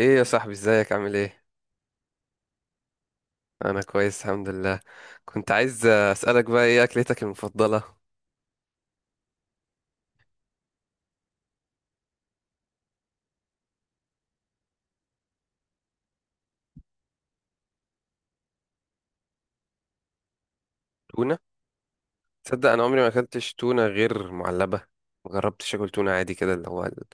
ايه يا صاحبي، ازيك؟ عامل ايه؟ انا كويس الحمد لله. كنت عايز اسالك بقى، ايه اكلتك المفضله؟ تونه؟ تصدق انا عمري ما اكلتش تونه غير معلبه. ما جربتش اكل تونه عادي كده، اللي هو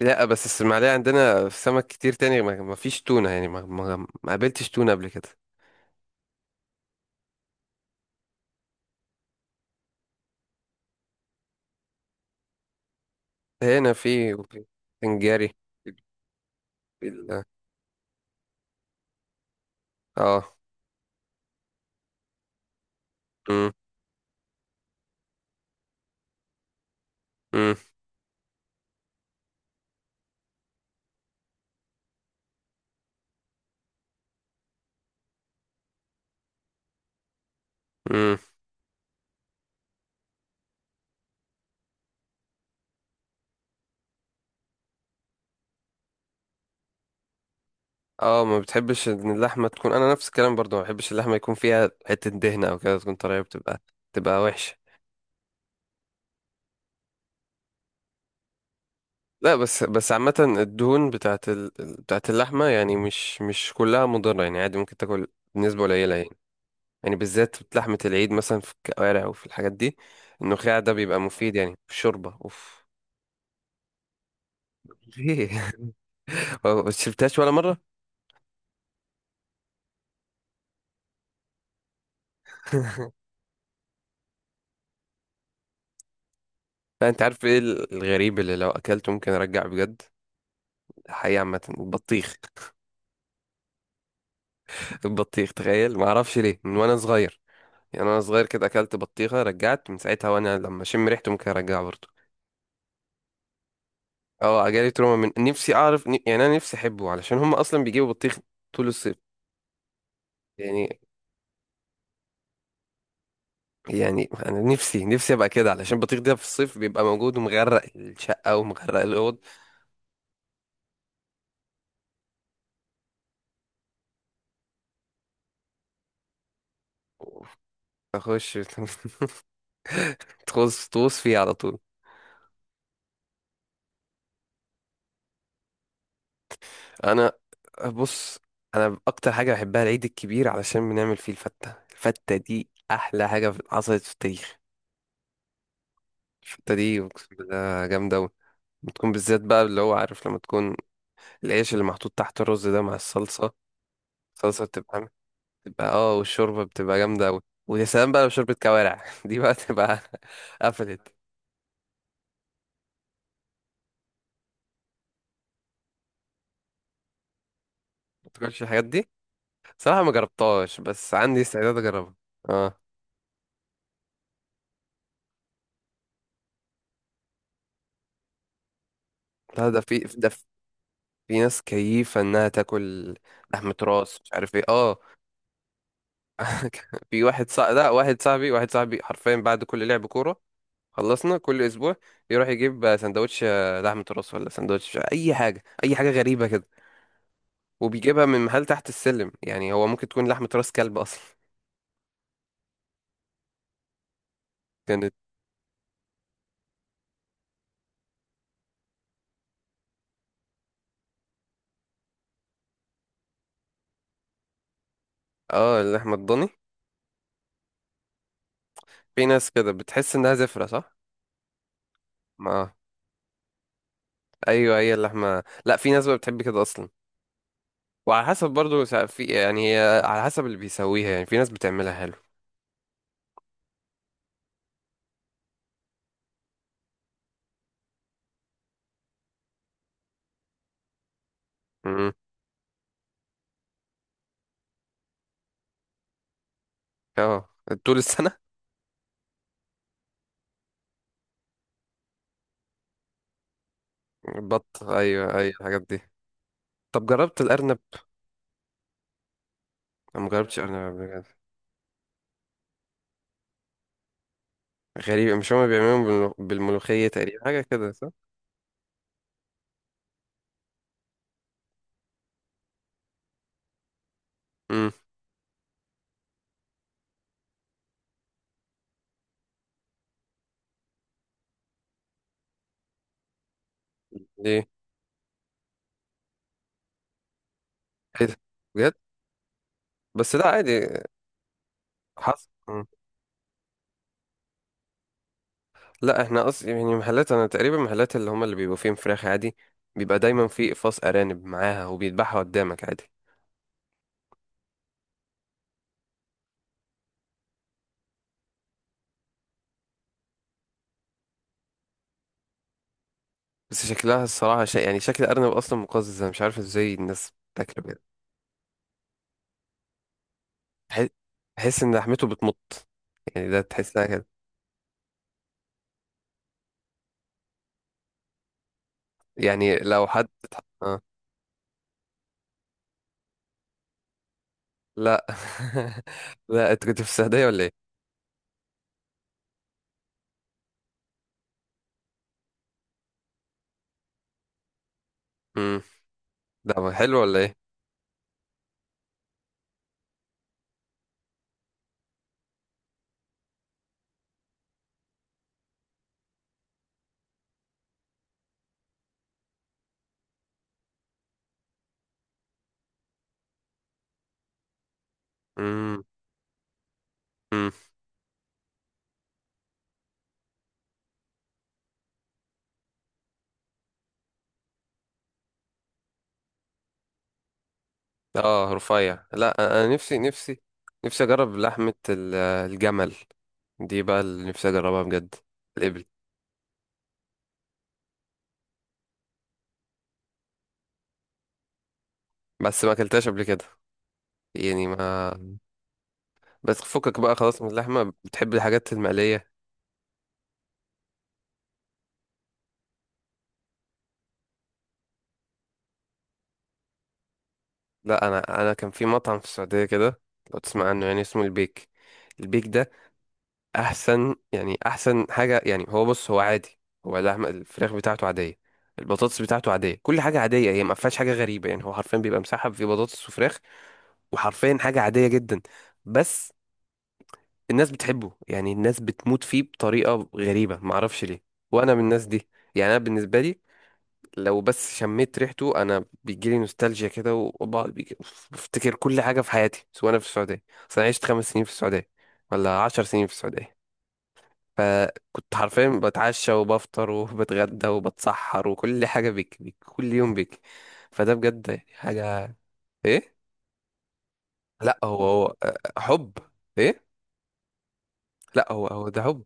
لا بس الاسماعيليه عندنا في سمك كتير تاني، ما فيش تونه يعني ما قابلتش تونه قبل كده. هنا في وفي سنجاري. ال- اه. امم امم امم اه، ما بتحبش ان اللحمه تكون، انا نفس الكلام برضو ما بحبش اللحمه يكون فيها حته دهنه او كده تكون طريه، بتبقى تبقى وحشه. لا بس عامة الدهون بتاعت بتاعت اللحمة يعني مش كلها مضرة، يعني عادي ممكن تاكل بنسبة قليلة يعني. يعني بالذات في لحمة العيد مثلا في الكوارع وفي الحاجات دي، النخاع ده بيبقى مفيد يعني في الشوربة، اوف. ليه؟ ما شربتهاش ولا مرة؟ لا انت عارف ايه الغريب اللي لو اكلته ممكن ارجع بجد؟ الحقيقة عامة البطيخ. البطيخ، تخيل ما اعرفش ليه، من وانا صغير يعني. انا صغير كده اكلت بطيخة، رجعت من ساعتها، وانا لما اشم ريحته ممكن ارجعها برضه. اه جالي تروما من نفسي، اعرف يعني انا نفسي احبه علشان هم اصلا بيجيبوا بطيخ طول الصيف يعني. يعني انا نفسي ابقى كده علشان البطيخ ده في الصيف بيبقى موجود ومغرق الشقه ومغرق الاوض. اخش تغوص تغوص فيه على طول. انا بص، انا اكتر حاجه بحبها العيد الكبير علشان بنعمل فيه الفته. الفته دي احلى حاجه حصلت في التاريخ. الفته دي اقسم بالله جامده أوي. بتكون بالذات بقى، اللي هو عارف لما تكون العيش اللي محطوط تحت الرز ده مع الصلصه، صلصة بتبقى تبقى اه، والشوربة بتبقى جامدة أوي. ويا سلام بقى لو شوربة كوارع، دي بقى تبقى قفلت. ما تاكلش الحاجات دي، صراحة ما جربتهاش بس عندي استعداد أجربها. اه، لا ده في ده، في ناس كيفة إنها تاكل لحمة راس مش عارف ايه، اه. في واحد صاحبي، لا واحد صاحبي واحد صاحبي حرفيا بعد كل لعب كورة، خلصنا كل أسبوع يروح يجيب سندوتش آه، لحمة راس ولا سندوتش أي حاجة، أي حاجة غريبة كده. وبيجيبها من محل تحت السلم، يعني هو ممكن تكون لحمة راس كلب أصلا. كان اه اللحمة الضاني، في ناس كده بتحس انها زفرة صح. ما ايوه، هي اللحمة لا، في ناس بقى بتحب كده اصلا. وعلى حسب برضو في يعني، هي على حسب اللي بيسويها يعني، في ناس بتعملها حلو. امم، اه طول السنة. بط، ايوه ايوه الحاجات دي. طب جربت الارنب؟ أنا ما جربتش ارنب قبل كده. غريب، مش هما بيعملوهم بالملوخية تقريبا حاجة كده، صح؟ امم، ليه؟ ايه ده؟ بجد؟ بس لا عادي، حصل. لا احنا قصدي يعني محلات، انا تقريبا محلات اللي هم اللي بيبقوا فيهم فراخ عادي، بيبقى دايما في اقفاص ارانب معاها وبيذبحها قدامك عادي. بس شكلها الصراحه شيء، يعني شكل الارنب اصلا مقزز، انا مش عارف ازاي الناس بتاكله بجد. تح- تحس ان لحمته بتمط، يعني ده تحسها كده. يعني لو حد آه. لا. لا انت كنت في السعوديه ولا ايه؟ امم، ده حلو ولا ايه؟ امم، اه رفيع. لا انا، أنا نفسي نفسي اجرب لحمة الجمل، دي بقى اللي نفسي اجربها بجد. الابل، بس ما اكلتهاش قبل كده يعني. ما بس فكك بقى خلاص من اللحمة، بتحب الحاجات المقلية. لا انا، انا كان في مطعم في السعودية كده، لو تسمع عنه، يعني اسمه البيك. البيك ده احسن يعني، احسن حاجة يعني. هو بص، هو عادي، هو اللحمة الفراخ بتاعته عادية، البطاطس بتاعته عادية، كل حاجة عادية. هي ما فيهاش حاجة غريبة يعني. هو حرفيا بيبقى مسحب في بطاطس وفراخ وحرفيا حاجة عادية جدا، بس الناس بتحبه يعني. الناس بتموت فيه بطريقة غريبة، معرفش ليه. وأنا من الناس دي. يعني أنا بالنسبة لي، لو بس شميت ريحته أنا بيجيلي نوستالجيا كده وبقعد بفتكر كل حاجة في حياتي، سواء أنا في السعودية. أصل أنا عشت 5 سنين في السعودية، ولا 10 سنين في السعودية. فكنت حرفيا بتعشى وبفطر وبتغدى وبتسحر وكل حاجة بيك كل يوم بيك. فده بجد حاجة. إيه؟ لأ هو هو آه، حب. إيه؟ لا هو هو ده حب.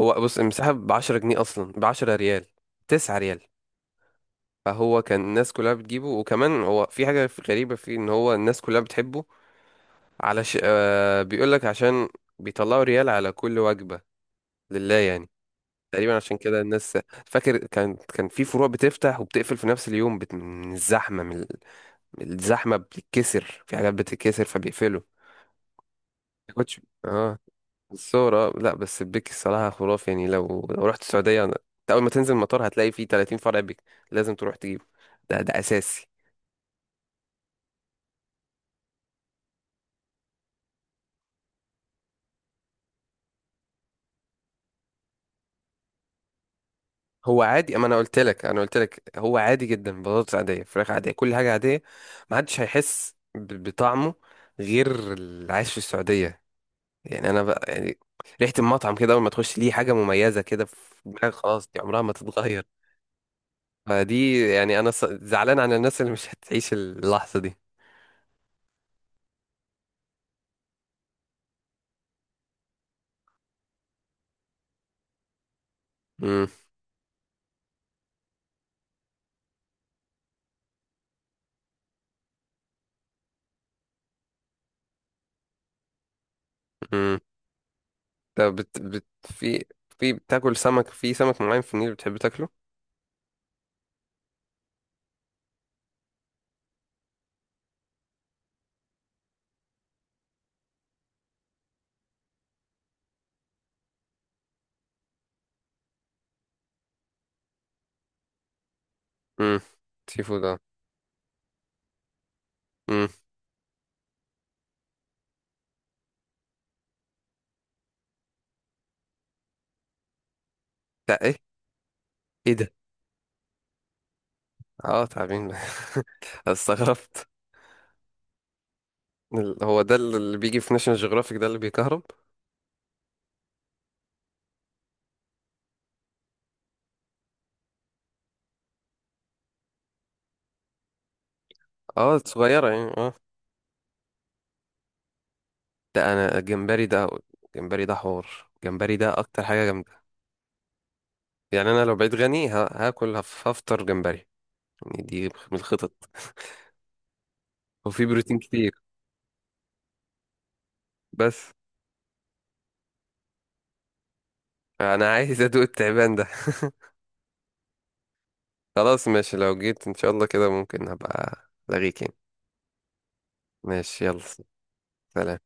هو بص، المساحة ب 10 جنيه أصلا، ب 10 ريال، 9 ريال. فهو كان الناس كلها بتجيبه، وكمان هو في حاجة غريبة فيه إن هو الناس كلها بتحبه. علش آه، بيقول لك عشان بيطلعوا ريال على كل وجبة لله يعني، تقريبا عشان كده الناس. فاكر كان في فروع بتفتح وبتقفل في نفس اليوم، من الزحمة، من الزحمة بتتكسر، في حاجات بتتكسر فبيقفلوا. ما كنتش، اه الصورة. لا بس البيك الصراحة خرافي، يعني لو رحت السعودية أنت أول ما تنزل المطار هتلاقي فيه 30 فرع بيك. لازم تروح تجيبه، ده أساسي. هو عادي، أما أنا قلت لك، أنا قلت لك هو عادي جدا، بطاطس عادية فراخ عادية كل حاجة عادية. ما حدش هيحس بطعمه غير اللي عايش في السعودية. يعني أنا بقى يعني، ريحة المطعم كده أول ما تخش ليه حاجة مميزة كده في دماغك، خلاص دي عمرها ما تتغير. فدي يعني أنا زعلان على الناس اللي مش هتعيش اللحظة دي. مم. طب في، في بتاكل سمك؟ في سمك معين في النيل بتحب تاكله؟ امم، سي فود اه. امم، ده ايه؟ ايه ده؟ اه، تعبين؟ استغربت. هو ده اللي بيجي في ناشونال جيوغرافيك ده اللي بيكهرب؟ اه صغيرة يعني، اه. ده انا الجمبري ده، الجمبري ده حوار، الجمبري ده اكتر حاجة جامدة يعني. انا لو بقيت غني هاكل هفطر جمبري. يعني دي من الخطط، وفي بروتين كتير. بس انا عايز ادوق التعبان ده. خلاص ماشي، لو جيت ان شاء الله كده ممكن هبقى لاغيك يعني. ماشي يلا، سلام.